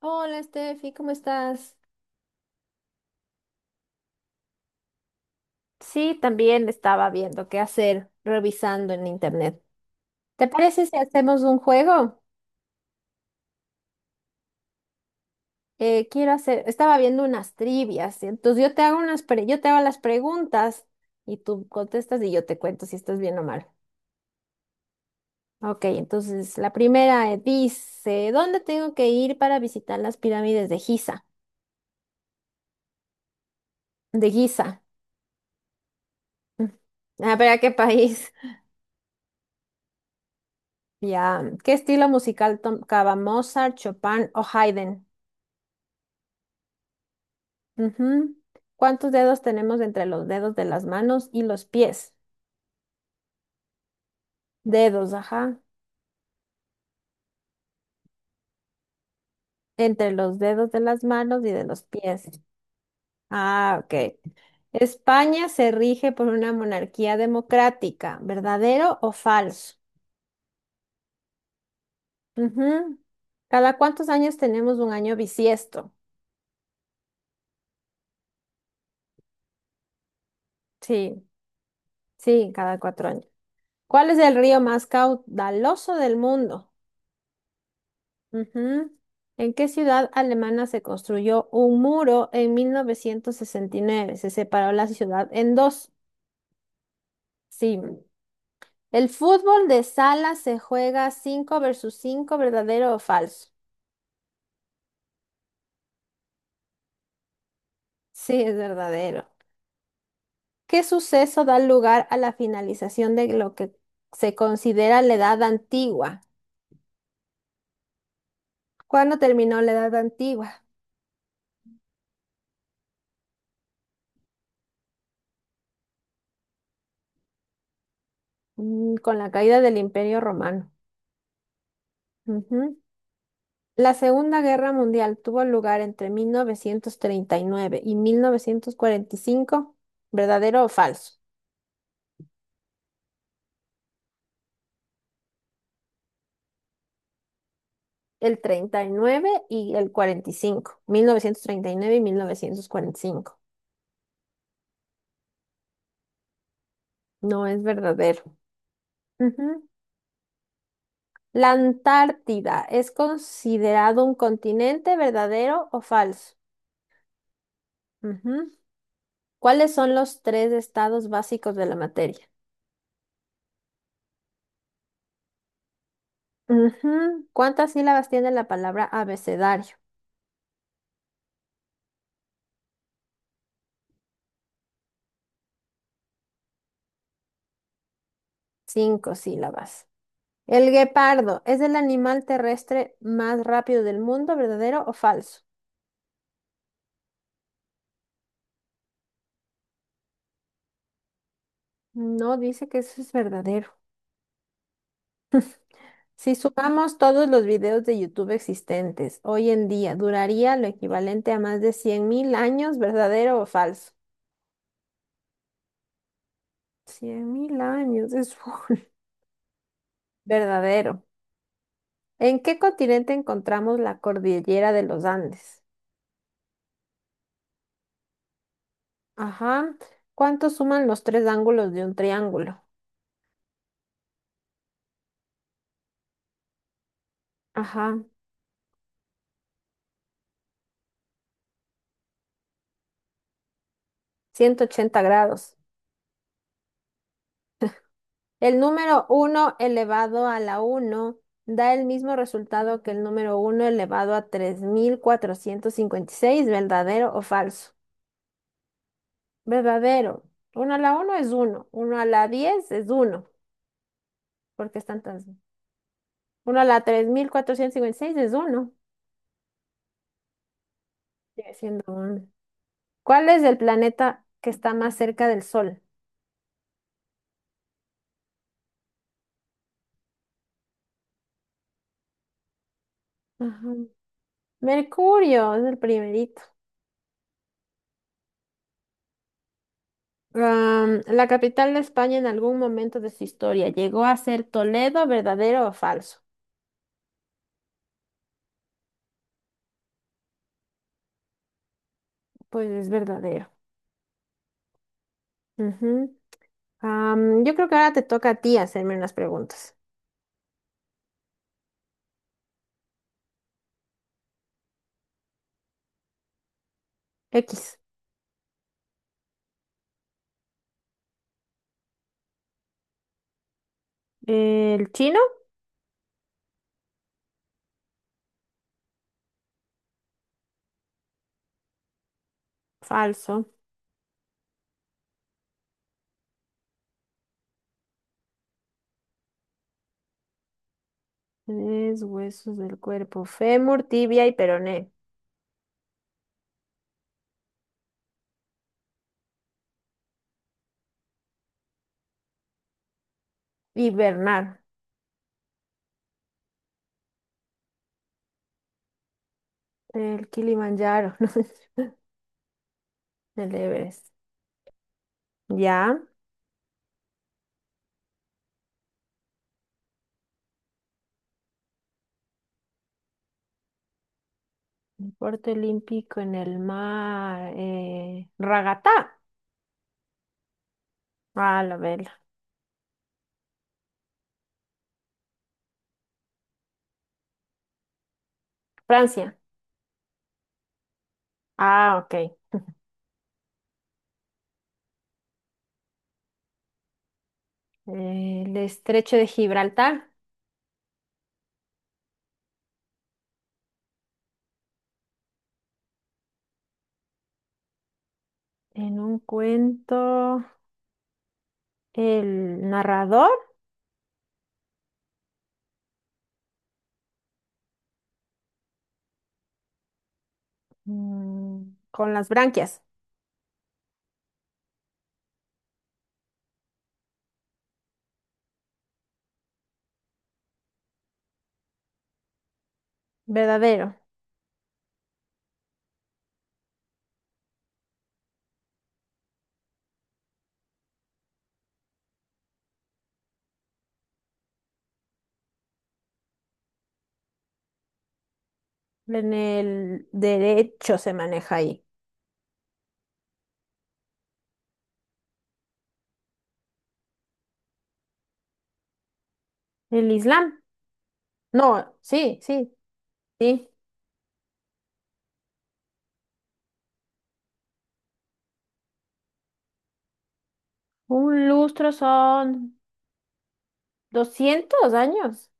Hola, Steffi, ¿cómo estás? Sí, también estaba viendo qué hacer, revisando en internet. ¿Te parece si hacemos un juego? Quiero hacer, estaba viendo unas trivias, y entonces yo te hago unas, yo te hago las preguntas y tú contestas y yo te cuento si estás bien o mal. Ok, entonces la primera dice, ¿dónde tengo que ir para visitar las pirámides de Giza? De Giza. Mm. Ah, pero ¿a qué país? Ya, ¿qué estilo musical tocaba Mozart, Chopin o Haydn? Ujú. ¿Cuántos dedos tenemos entre los dedos de las manos y los pies? Dedos, ajá. Entre los dedos de las manos y de los pies. Ah, ok. España se rige por una monarquía democrática, ¿verdadero o falso? Ujú. ¿Cada cuántos años tenemos un año bisiesto? Sí, sí, cada 4 años. ¿Cuál es el río más caudaloso del mundo? Ujú. ¿En qué ciudad alemana se construyó un muro en 1969? Se separó la ciudad en dos. Sí. El fútbol de sala se juega 5 versus 5. ¿Verdadero o falso? Sí, es verdadero. ¿Qué suceso da lugar a la finalización de lo que se considera la Edad Antigua? ¿Cuándo terminó la Edad Antigua? Con la caída del Imperio Romano. Ujú. La Segunda Guerra Mundial tuvo lugar entre 1939 y 1945. ¿Verdadero o falso? El 39 y el 45. 1939 y mil novecientos cuarenta y cinco. No, es verdadero. Ujú. La Antártida es considerado un continente, ¿verdadero o falso? Ujú. ¿Cuáles son los tres estados básicos de la materia? Ujú. ¿Cuántas sílabas tiene la palabra abecedario? Cinco sílabas. El guepardo es el animal terrestre más rápido del mundo, ¿verdadero o falso? No, dice que eso es verdadero. Si sumamos todos los videos de YouTube existentes hoy en día, duraría lo equivalente a más de 100.000 años, ¿verdadero o falso? 100.000 años, es full. Verdadero. ¿En qué continente encontramos la cordillera de los Andes? Ajá. ¿Cuánto suman los tres ángulos de un triángulo? Ajá. 180 grados. El número uno elevado a la uno da el mismo resultado que el número uno elevado a 3456. ¿Verdadero o falso? Verdadero. Uno a la uno es uno. Uno a la 10 es uno. Porque están tan... Uno a la 3456 es uno. Sigue siendo uno. ¿Cuál es el planeta que está más cerca del Sol? Ajá. Mercurio es el primerito. La capital de España en algún momento de su historia llegó a ser Toledo, ¿verdadero o falso? Pues es verdadero. Ujú. Yo creo que ahora te toca a ti hacerme unas preguntas. X. ¿El chino? Falso. Tres huesos del cuerpo. Fémur, tibia y peroné. Hibernar. El Kilimanjaro. ¿No? El Everest. Ya. Deporte olímpico en el mar. Ragatá. Ah, la verga. Francia. Ah, ok. El estrecho de Gibraltar. En un cuento, el narrador. mm, con las branquias. Verdadero. En el derecho se maneja ahí. El Islam. No, sí, sí, sí. Un lustro son 200 años.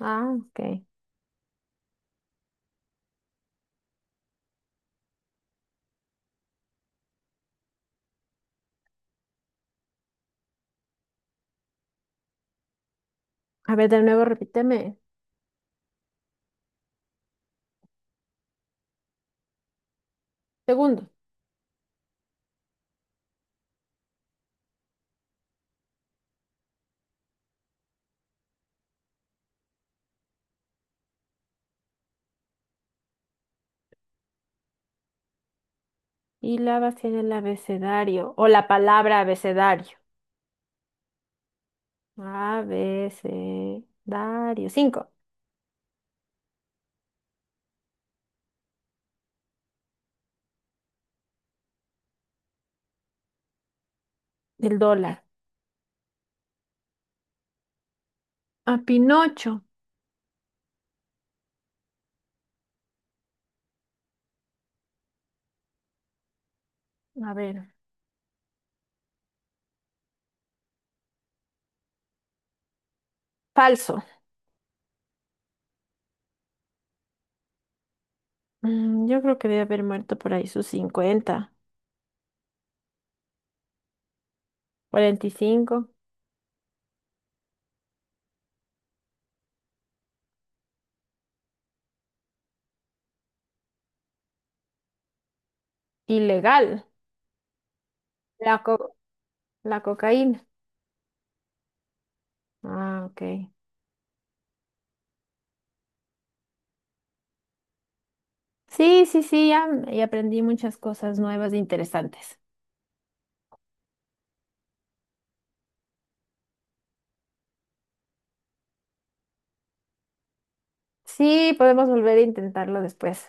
Ah, ok. A ver, de nuevo, repíteme. Segundo. Sílabas en el abecedario o la palabra abecedario. Abecedario. 5. Del dólar. A Pinocho. A ver. Falso. Yo creo que debe haber muerto por ahí sus 50, 45. Ilegal. La co- la cocaína. Ah, ok. Sí, sí, sí, ya, y aprendí muchas cosas nuevas e interesantes. Sí, podemos volver a intentarlo después.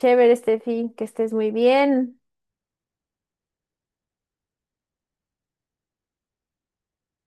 Chévere, Steffi, que estés muy bien.